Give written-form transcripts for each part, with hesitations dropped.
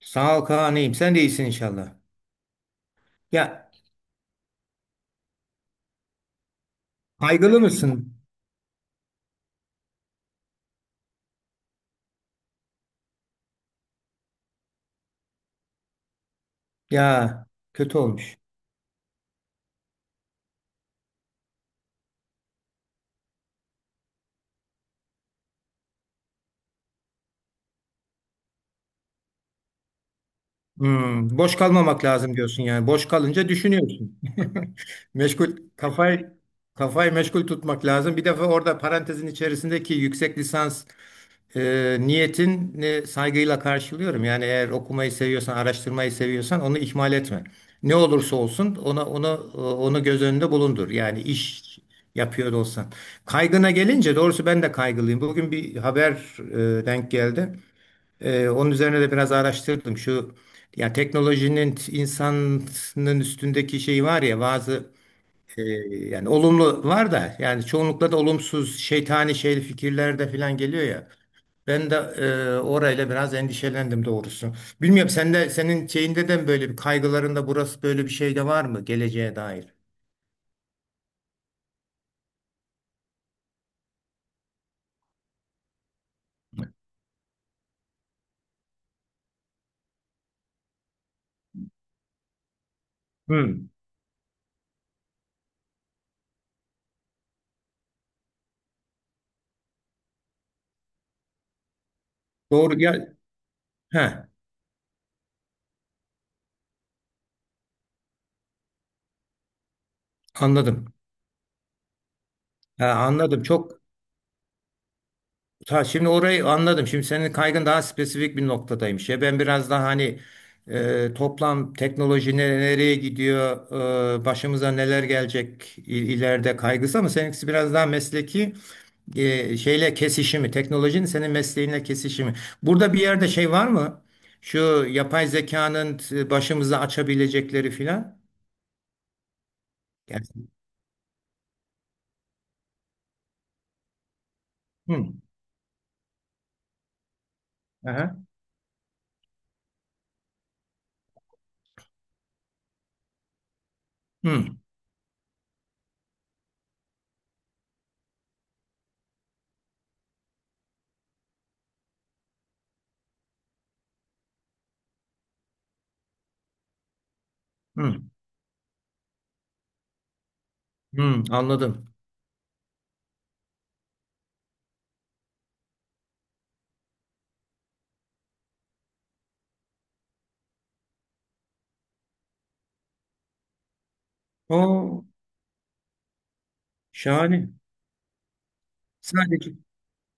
Sağ ol Kaan'ım. Sen de iyisin inşallah. Ya, kaygılı mısın? Ya, kötü olmuş. Boş kalmamak lazım diyorsun yani. Boş kalınca düşünüyorsun. Meşgul kafayı kafayı meşgul tutmak lazım. Bir defa orada parantezin içerisindeki yüksek lisans niyetini saygıyla karşılıyorum. Yani eğer okumayı seviyorsan, araştırmayı seviyorsan onu ihmal etme. Ne olursa olsun onu göz önünde bulundur. Yani iş yapıyor da olsan. Kaygına gelince doğrusu ben de kaygılıyım. Bugün bir haber denk geldi. Onun üzerine de biraz araştırdım. Şu, yani teknolojinin insanın üstündeki şeyi var ya, bazı e, yani olumlu var da yani çoğunlukla da olumsuz şeytani şey fikirler de falan geliyor ya. Ben de orayla biraz endişelendim doğrusu. Bilmiyorum, sen de senin şeyinde de böyle bir kaygılarında burası böyle bir şey de var mı geleceğe dair? Hmm. Doğru ya. He, anladım. Ha, anladım. Ta şimdi orayı anladım. Şimdi senin kaygın daha spesifik bir noktadaymış. Ya, ben biraz daha hani toplam teknoloji nereye gidiyor, başımıza neler gelecek, ileride kaygısı, ama seninkisi biraz daha mesleki şeyle kesişimi, teknolojinin senin mesleğinle kesişimi. Burada bir yerde şey var mı? Şu yapay zekanın başımıza açabilecekleri filan. Yani- Hı, aha, hı, hı, hı, anladım. O şahane. Sadece.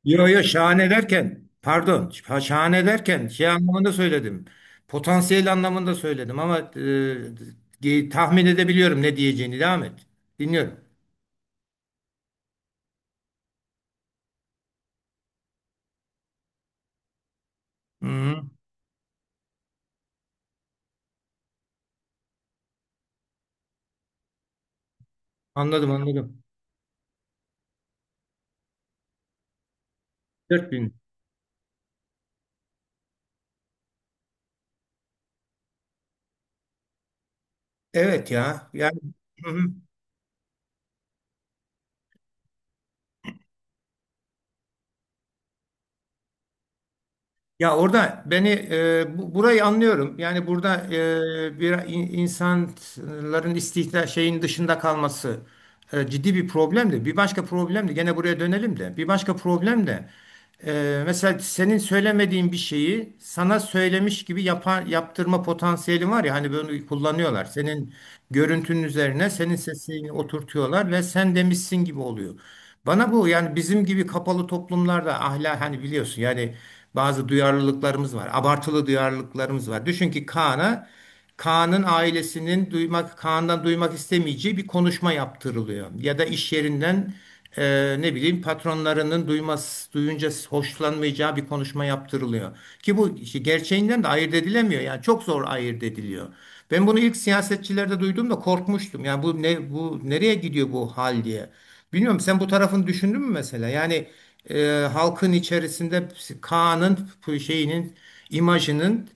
Yo, yo, şahane derken pardon, şahane derken şey anlamında söyledim. Potansiyel anlamında söyledim ama tahmin edebiliyorum ne diyeceğini. Devam et. Dinliyorum. Hı hı. Anladım, anladım. 4.000. Evet ya. Hı hı. Ya orada beni burayı anlıyorum. Yani burada bir insanların istihdam şeyin dışında kalması ciddi bir problem de. Bir başka problem de, gene buraya dönelim de. Bir başka problem de mesela senin söylemediğin bir şeyi sana söylemiş gibi yapan, yaptırma potansiyeli var ya, hani bunu kullanıyorlar. Senin görüntünün üzerine senin sesini oturtuyorlar ve sen demişsin gibi oluyor. Bana bu, yani bizim gibi kapalı toplumlarda ahlak, hani biliyorsun yani bazı duyarlılıklarımız var. Abartılı duyarlılıklarımız var. Düşün ki Kaan'ın ailesinin Kaan'dan duymak istemeyeceği bir konuşma yaptırılıyor. Ya da iş yerinden ne bileyim patronlarının duyunca hoşlanmayacağı bir konuşma yaptırılıyor. Ki bu işi gerçeğinden de ayırt edilemiyor. Yani çok zor ayırt ediliyor. Ben bunu ilk siyasetçilerde duyduğumda korkmuştum. Yani bu ne, bu nereye gidiyor bu hal diye. Bilmiyorum, sen bu tarafını düşündün mü mesela? Yani e, halkın içerisinde Kaan'ın bu şeyinin, imajının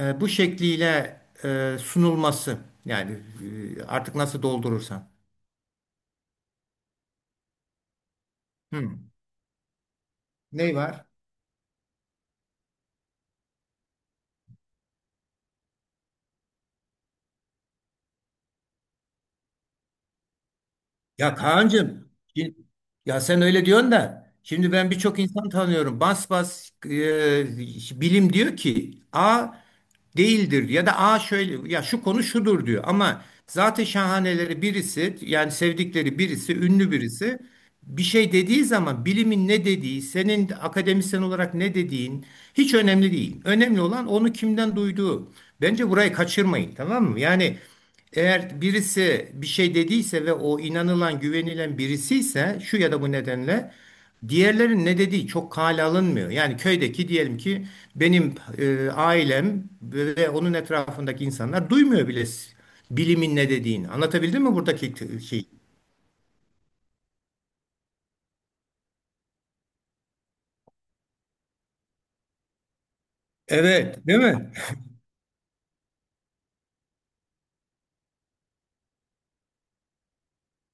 bu şekliyle sunulması. Yani artık nasıl doldurursan. Hı. Ne var? Ya Kaan'cığım, şi- ya sen öyle diyorsun da, şimdi ben birçok insan tanıyorum. Bas bas bilim diyor ki A değildir, ya da A şöyle ya şu konu şudur diyor. Ama zaten şahaneleri birisi, yani sevdikleri birisi, ünlü birisi bir şey dediği zaman bilimin ne dediği, senin akademisyen olarak ne dediğin hiç önemli değil. Önemli olan onu kimden duyduğu. Bence burayı kaçırmayın, tamam mı? Yani eğer birisi bir şey dediyse ve o inanılan, güvenilen birisi ise şu ya da bu nedenle, diğerlerin ne dediği çok kale alınmıyor. Yani köydeki, diyelim ki benim ailem ve onun etrafındaki insanlar duymuyor bile bilimin ne dediğini. Anlatabildim mi buradaki şeyi? Evet, değil mi?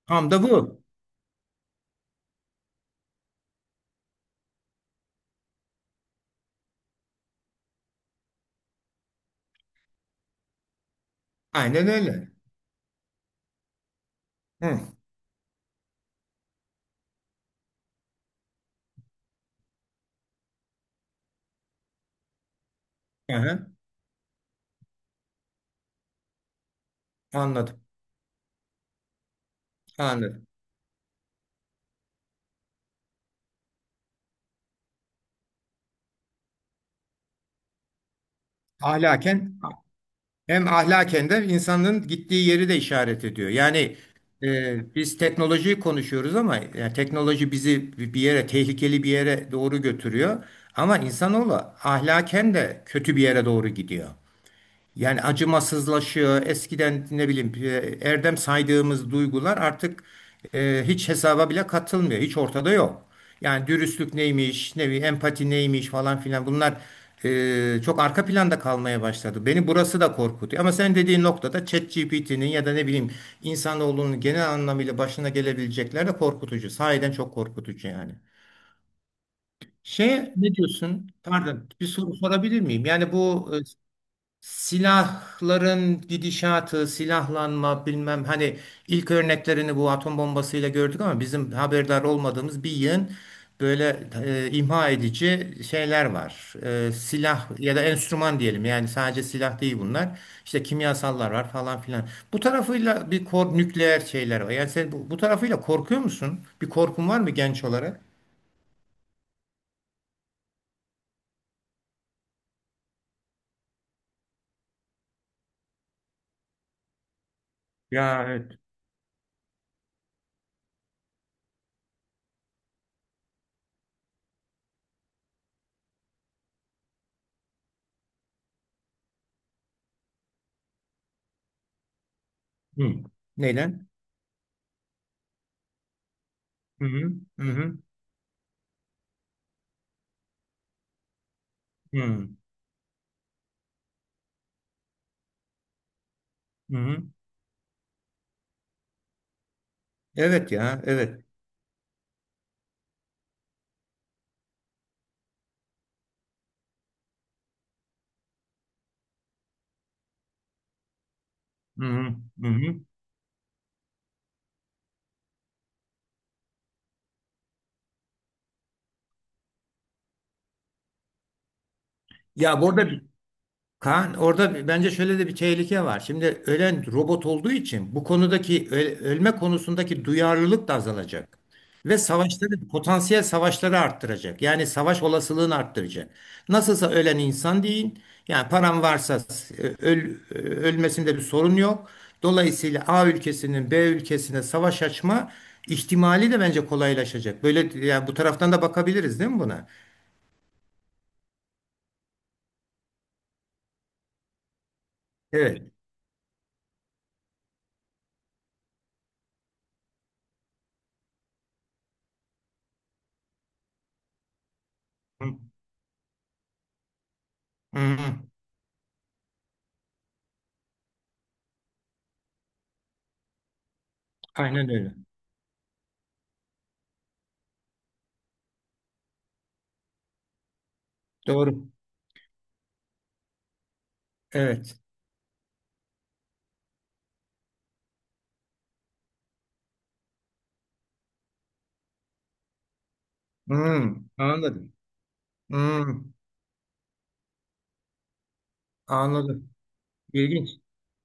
Tam da bu. Aynen öyle. Hı. Aha, anladım. Anladım. Ahlaken Hem ahlaken de insanın gittiği yeri de işaret ediyor. Yani biz teknolojiyi konuşuyoruz ama yani teknoloji bizi bir yere, tehlikeli bir yere doğru götürüyor. Ama insanoğlu ahlaken de kötü bir yere doğru gidiyor. Yani acımasızlaşıyor. Eskiden ne bileyim erdem saydığımız duygular artık hiç hesaba bile katılmıyor. Hiç ortada yok. Yani dürüstlük neymiş, ne bileyim empati neymiş, falan filan, bunlar çok arka planda kalmaya başladı. Beni burası da korkutuyor. Ama sen dediğin noktada ChatGPT'nin, ya da ne bileyim insanoğlunun genel anlamıyla başına gelebilecekler de korkutucu. Sahiden çok korkutucu yani. Şey Ne diyorsun? Pardon, bir soru sorabilir miyim? Silahların gidişatı, silahlanma, bilmem, hani ilk örneklerini bu atom bombasıyla gördük ama bizim haberdar olmadığımız bir yığın böyle imha edici şeyler var. Silah ya da enstrüman diyelim, yani sadece silah değil bunlar. İşte kimyasallar var falan filan. Bu tarafıyla bir nükleer şeyler var. Yani sen bu, tarafıyla korkuyor musun? Bir korkun var mı genç olarak? Ya, evet. Hı. Neyden? Hı hı. Hı hı. Hı hı. Evet ya, evet. Hı hı, hı hı. Ya burada bir- Kaan, bence şöyle de bir tehlike var. Şimdi ölen robot olduğu için bu konudaki ölme konusundaki duyarlılık da azalacak. Ve savaşları, potansiyel savaşları arttıracak. Yani savaş olasılığını arttıracak. Nasılsa ölen insan değil. Yani paran varsa ölmesinde bir sorun yok. Dolayısıyla A ülkesinin B ülkesine savaş açma ihtimali de bence kolaylaşacak. Böyle, yani bu taraftan da bakabiliriz değil mi buna? Evet. Hmm, aynen öyle. Doğru. Evet. Hmm, anladım. Hmm, anladım. İlginç.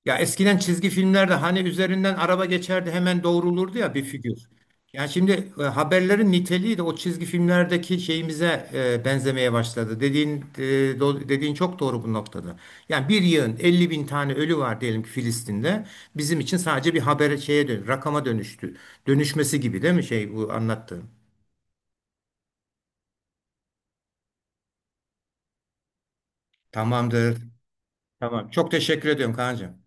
Ya eskiden çizgi filmlerde hani üzerinden araba geçerdi hemen doğrulurdu ya bir figür. Yani şimdi haberlerin niteliği de o çizgi filmlerdeki şeyimize benzemeye başladı. Dediğin dediğin çok doğru bu noktada. Yani bir yığın 50.000 tane ölü var diyelim ki Filistin'de. Bizim için sadece bir habere, şeye, rakama dönüştü. Dönüşmesi gibi değil mi şey bu anlattığın? Tamamdır. Tamam. Çok teşekkür ediyorum Kaan'cığım.